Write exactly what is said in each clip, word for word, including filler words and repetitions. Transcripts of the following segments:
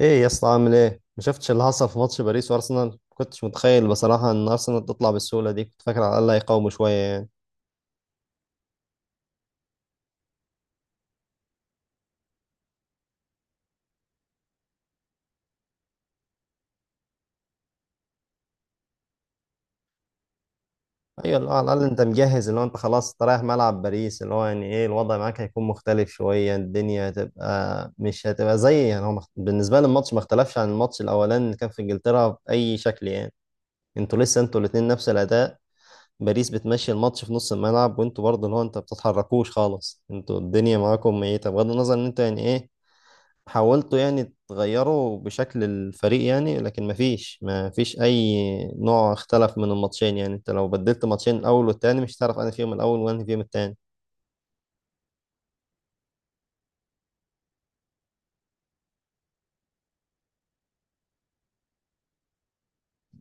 ايه يا اسطى؟ عامل ايه؟ ما شفتش اللي حصل في ماتش باريس وارسنال؟ ما كنتش متخيل بصراحه ان ارسنال تطلع بالسهوله دي، كنت فاكر على الاقل هيقاوموا شويه يعني. ايوه، اللي هو على الاقل انت مجهز، اللي هو انت خلاص انت رايح ملعب باريس، اللي هو يعني ايه الوضع معاك هيكون مختلف شويه، الدنيا هتبقى مش هتبقى زي يعني، هو مخت... بالنسبه لي الماتش ما اختلفش عن الماتش الاولاني اللي كان في انجلترا باي شكل يعني. انتوا لسه انتوا الاثنين نفس الاداء. باريس بتمشي الماتش في نص الملعب وانتوا برضه اللي هو انت بتتحركوش خالص، انتوا الدنيا معاكم ميته بغض النظر ان انتوا يعني ايه. حاولتوا يعني تغيروا بشكل الفريق يعني، لكن مفيش مفيش أي نوع اختلف من الماتشين يعني. أنت لو بدلت ماتشين الأول والتاني مش هتعرف أنا فيهم الأول وأنا فيهم التاني.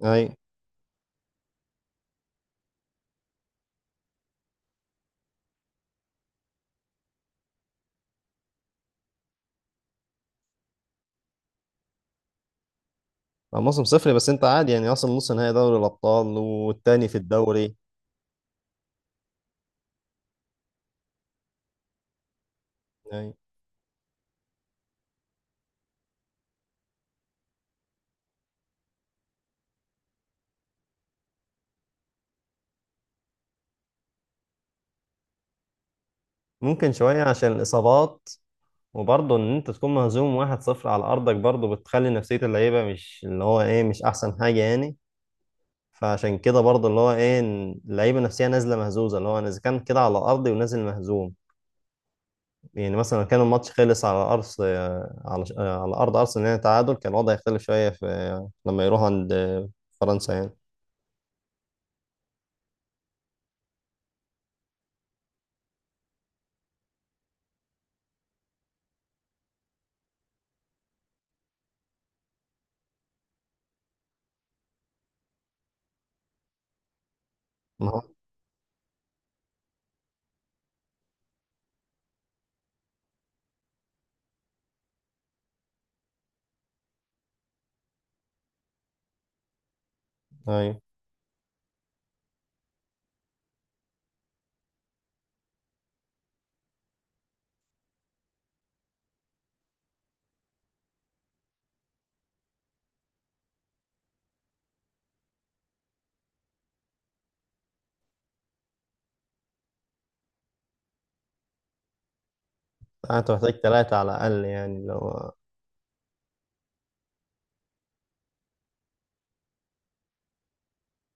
أي. موسم صفري، بس أنت عادي يعني، أصلا نص نهائي دوري الأبطال والتاني في الدوري. أي. ممكن شوية عشان الإصابات، وبرضه إن أنت تكون مهزوم واحد صفر على أرضك برضه بتخلي نفسية اللعيبة مش اللي هو إيه مش أحسن حاجة يعني. فعشان كده برضه اللي هو ايه إن اللعيبه نفسها نازله مهزوزه، اللي هو انا اذا كان كده على ارضي ونازل مهزوم. يعني مثلا كان الماتش خلص على أرض، على على أرض أرسنال، يعني تعادل، كان الوضع يختلف شوية في لما يروح عند فرنسا يعني. ما هو أيوة. أنت محتاج ثلاثة على الأقل يعني لو.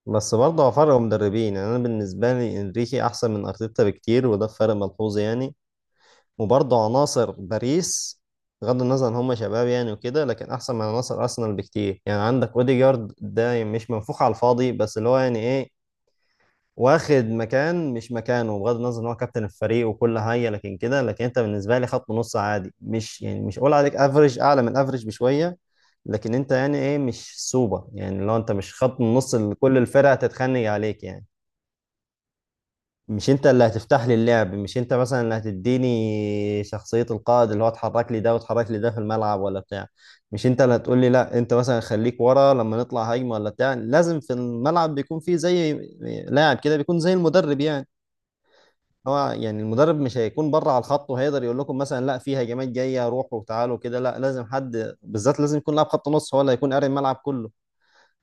بس برضه هو فرق مدربين يعني، أنا بالنسبة لي إنريكي أحسن من أرتيتا بكتير، وده فرق ملحوظ يعني. وبرضه عناصر باريس بغض النظر إن هم شباب يعني وكده، لكن أحسن من عناصر أرسنال بكتير يعني. عندك أوديجارد ده مش منفوخ على الفاضي بس اللي هو يعني إيه، واخد مكان مش مكانه. بغض النظر ان هو كابتن الفريق وكل حاجه لكن كده، لكن انت بالنسبه لي خط نص عادي، مش يعني مش اقول عليك افريج، اعلى من افريج بشويه، لكن انت يعني ايه مش سوبر. يعني لو انت مش خط النص اللي كل الفرق هتتخنق عليك يعني، مش انت اللي هتفتح لي اللعب، مش انت مثلا اللي هتديني شخصية القائد، اللي هو اتحرك لي ده واتحرك لي ده في الملعب ولا بتاع، مش انت اللي هتقول لي لا انت مثلا خليك ورا لما نطلع هجمة ولا بتاع. لازم في الملعب بيكون في زي لاعب كده بيكون زي المدرب يعني. هو يعني المدرب مش هيكون بره على الخط وهيقدر يقول لكم مثلا لا في هجمات جايه روحوا وتعالوا كده، لا لازم حد بالذات، لازم يكون لاعب خط نص هو اللي هيكون قاري الملعب كله.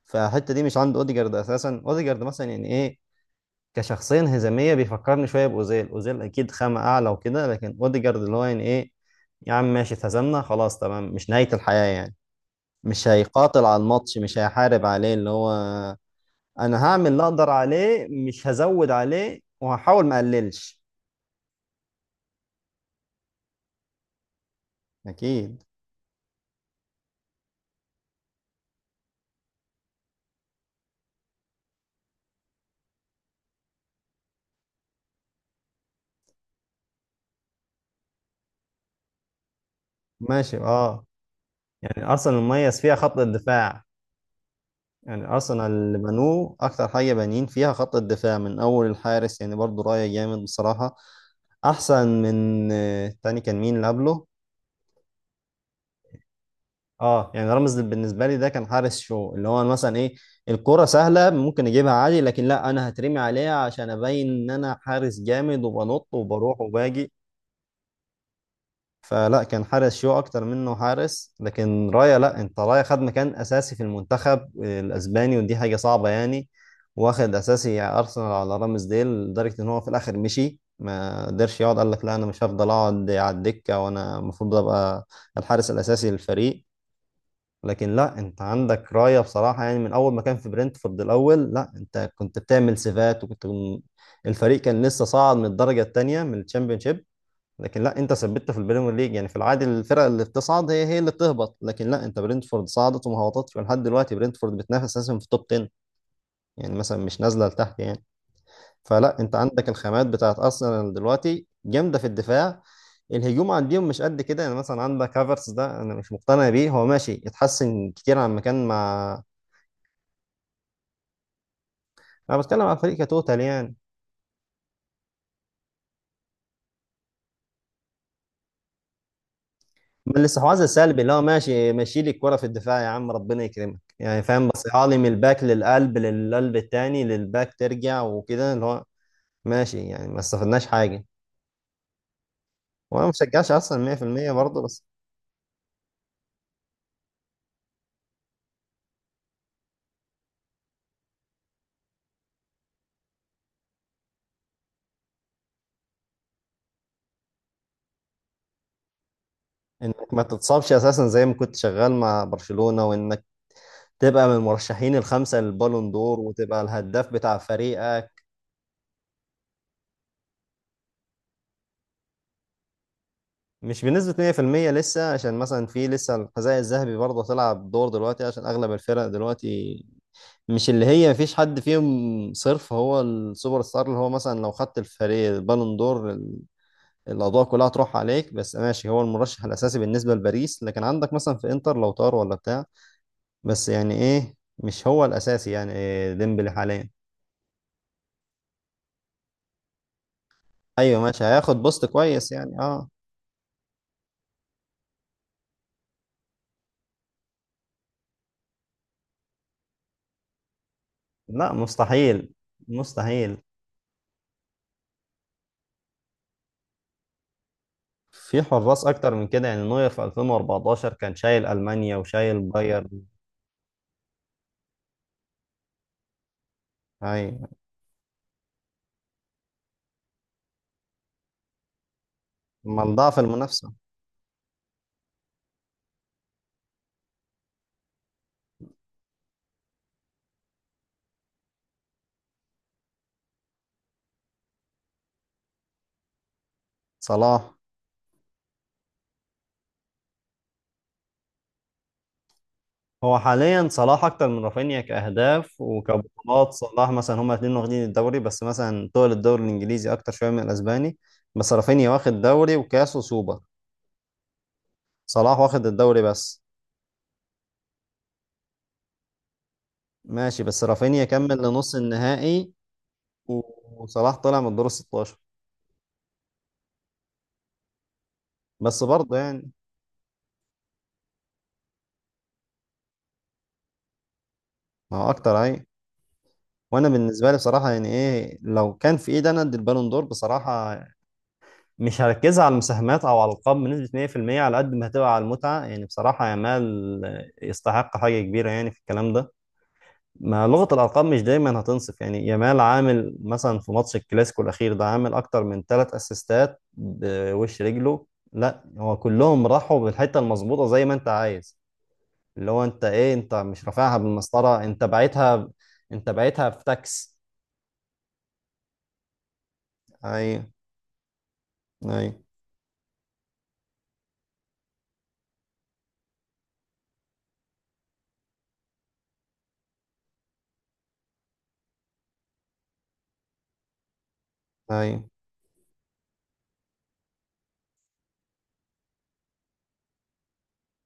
فالحته دي مش عند اوديجارد اساسا. اوديجارد مثلا يعني ايه كشخصيه انهزاميه، بيفكرني شويه باوزيل، اوزيل اكيد خامه اعلى وكده، لكن اوديجارد اللي هو يعني ايه يا عم ماشي اتهزمنا خلاص تمام مش نهايه الحياه يعني. مش هيقاتل على الماتش، مش هيحارب عليه، اللي هو انا هعمل اللي اقدر عليه مش هزود عليه وهحاول ما اقللش. اكيد. ماشي اه. يعني ارسنال مميز فيها خط الدفاع، يعني ارسنال اللي بنوه اكتر حاجه بانيين فيها خط الدفاع من اول الحارس، يعني برضو رايه جامد بصراحه، احسن من آه، تاني كان مين اللي قبله. اه يعني رامز بالنسبه لي ده كان حارس شو، اللي هو مثلا ايه الكره سهله ممكن اجيبها عادي لكن لا انا هترمي عليها عشان ابين ان انا حارس جامد وبنط وبروح وباجي. فلا، كان حارس شو اكتر منه حارس، لكن رايا لا انت رايا خد مكان اساسي في المنتخب الاسباني ودي حاجه صعبه يعني. واخد اساسي ارسنال على رامز ديل، لدرجه ان هو في الاخر مشي ما قدرش يقعد، قال لك لا انا مش هفضل اقعد على الدكه وانا المفروض ابقى الحارس الاساسي للفريق. لكن لا انت عندك رايا بصراحه، يعني من اول ما كان في برنتفورد الاول، لا انت كنت بتعمل سيفات، وكنت الفريق كان لسه صاعد من الدرجه الثانيه من الشامبيونشيب، لكن لا انت ثبتت في البريمير ليج. يعني في العادي الفرق اللي بتصعد هي هي اللي بتهبط، لكن لا انت برينتفورد صعدت وما هبطتش، ولحد دلوقتي برينتفورد بتنافس اساسا في التوب عشرة، يعني مثلا مش نازله لتحت يعني. فلا انت عندك الخامات بتاعت ارسنال دلوقتي جامده في الدفاع. الهجوم عندهم مش قد كده، يعني مثلا عندك هافرتس ده انا مش مقتنع بيه، هو ماشي اتحسن كتير عن مكان مع. انا بتكلم على الفريق كتوتال يعني، من الاستحواذ السلبي اللي هو ماشي ماشي لي الكرة في الدفاع يا عم ربنا يكرمك يعني فاهم، بصيها لي من الباك للقلب، للقلب التاني، للباك، ترجع وكده، اللي هو ماشي يعني ما استفدناش حاجة. وانا ما بشجعش اصلا مية في المية برضه، بس انك ما تتصابش اساسا زي ما كنت شغال مع برشلونة وانك تبقى من المرشحين الخمسة للبالون دور وتبقى الهداف بتاع فريقك مش بنسبة مية في المية. لسه عشان مثلا في لسه الحذاء الذهبي برضه هتلعب دور دلوقتي، عشان اغلب الفرق دلوقتي مش اللي هي مفيش حد فيهم صرف هو السوبر ستار، اللي هو مثلا لو خدت الفريق البالون دور ال- الأضواء كلها هتروح عليك، بس ماشي هو المرشح الأساسي بالنسبة لباريس، لكن عندك مثلا في إنتر لو طار ولا بتاع، بس يعني إيه مش هو الأساسي، يعني إيه ديمبلي حاليا. أيوه ماشي هياخد بوست كويس يعني أه. لا مستحيل. مستحيل. في حراس أكتر من كده، يعني نوير في الفين واربعطاشر كان شايل ألمانيا وشايل بايرن. أيوه. أمال ضعف المنافسة. صلاح. هو حاليا صلاح اكتر من رافينيا كاهداف وكبطولات. صلاح مثلا هما الاثنين واخدين الدوري، بس مثلا طول الدوري الانجليزي اكتر شويه من الاسباني. بس رافينيا واخد دوري وكاس وسوبر، صلاح واخد الدوري بس. ماشي، بس رافينيا كمل لنص النهائي، و- وصلاح طلع من الدور ستاشر. بس برضه يعني ما هو اكتر اهي. وانا بالنسبه لي بصراحه يعني ايه، لو كان في ايدي انا ادي البالون دور بصراحه، مش هركزها على المساهمات او على الالقاب بنسبه مية في المية، على قد ما هتبقى على المتعه يعني بصراحه، يامال يستحق حاجه كبيره يعني في الكلام ده. ما لغه الارقام مش دايما هتنصف. يعني يامال عامل مثلا في ماتش الكلاسيكو الاخير ده عامل اكتر من ثلاث اسيستات بوش رجله، لا هو كلهم راحوا بالحته المظبوطه زي ما انت عايز، اللي هو انت ايه انت مش رافعها بالمسطره، انت بعتها، انت بعتها في تاكس. ايوه. ايوه. ايوه.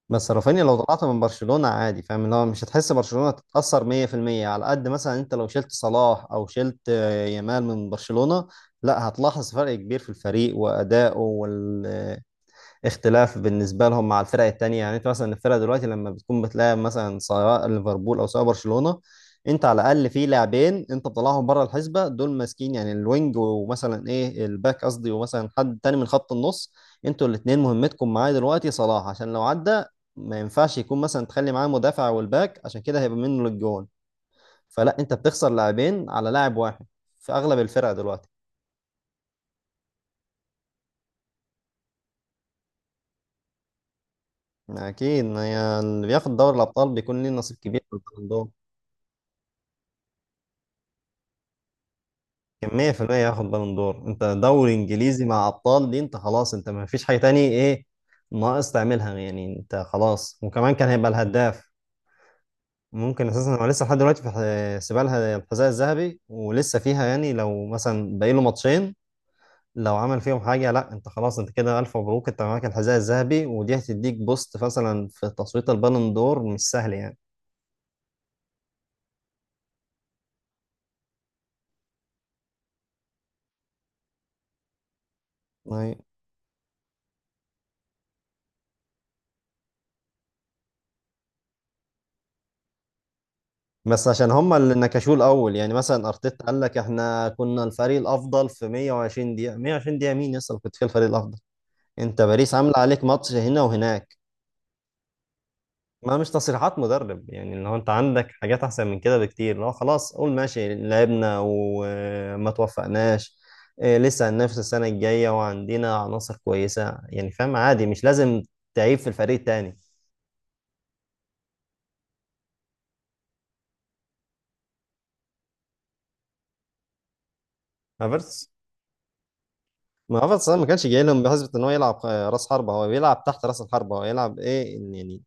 بس رافينيا لو طلعت من برشلونة عادي فاهم اللي هو مش هتحس برشلونة تتأثر مية في المية. على قد مثلا انت لو شلت صلاح او شلت آه، يامال من برشلونة، لا هتلاحظ فرق كبير في الفريق وأدائه وال اختلاف بالنسبه لهم مع الفرق التانية يعني. انت مثلا الفرق دلوقتي لما بتكون بتلاعب مثلا سواء ليفربول او سواء برشلونه، انت على الاقل في لاعبين انت بتطلعهم بره الحسبه، دول ماسكين يعني الوينج ومثلا ايه الباك قصدي ومثلا حد تاني من خط النص، انتوا الاثنين مهمتكم معايا دلوقتي صلاح عشان لو عدى ما ينفعش يكون مثلا تخلي معاه مدافع والباك عشان كده هيبقى منه للجون، فلا انت بتخسر لاعبين على لاعب واحد في اغلب الفرق دلوقتي. يعني اكيد هي اللي بياخد دوري الابطال بيكون ليه نصيب كبير في البالون دور. كان مية في المية ياخد بالون دور، انت دوري انجليزي مع ابطال دي انت خلاص انت ما فيش حاجه تاني ايه ناقص تعملها يعني، انت خلاص وكمان كان هيبقى الهداف. ممكن اساسا هو لسه لحد دلوقتي في ح- سيبها الحذاء الذهبي ولسه فيها، يعني لو مثلا باقي له ماتشين لو عمل فيهم حاجه لا انت خلاص انت كده الف مبروك انت معاك الحذاء الذهبي، ودي هتديك بوست مثلا في تصويت البالون دور مش سهل يعني. طيب. بس عشان هما اللي نكشوه الاول، يعني مثلا ارتيتا قال لك احنا كنا الفريق الافضل في مية وعشرين دقيقه، مية وعشرين دقيقه مين يصل كنت فيها الفريق الافضل؟ انت باريس عامله عليك ماتش هنا وهناك. ما مش تصريحات مدرب يعني، اللي هو انت عندك حاجات احسن من كده بكتير، لو خلاص قول ماشي لعبنا وما توفقناش إيه، لسه هننافس السنه الجايه وعندنا عناصر كويسه يعني، فاهم؟ عادي مش لازم تعيب في الفريق التاني. هافرتس. ما هو صلاح ما كانش جاي لهم بحسبة ان هو يلعب آه، راس حربة، هو بيلعب تحت راس الحربة، هو يلعب ايه إن يعني.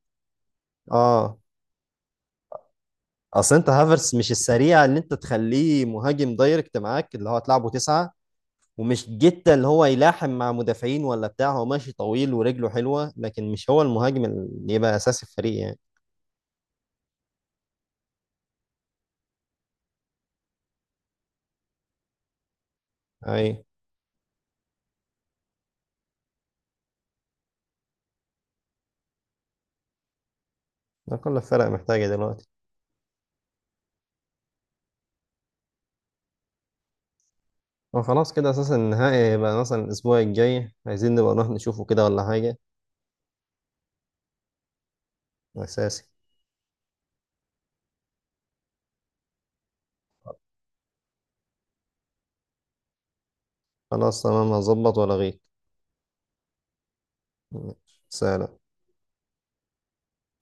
اه. اصل انت هافرس مش السريع اللي انت تخليه مهاجم دايركت معاك اللي هو تلعبه تسعة، ومش جدا اللي هو يلاحم مع مدافعين ولا بتاع، هو ماشي طويل ورجله حلوة لكن مش هو المهاجم اللي يبقى اساسي في الفريق يعني. اي. ده كل الفرق محتاجة دلوقتي. وخلاص كده اساسا النهائي هيبقى مثلا الاسبوع الجاي، عايزين نبقى نروح نشوفه كده ولا حاجة؟ اساسي. خلاص تمام هظبط ولا غير. سلام.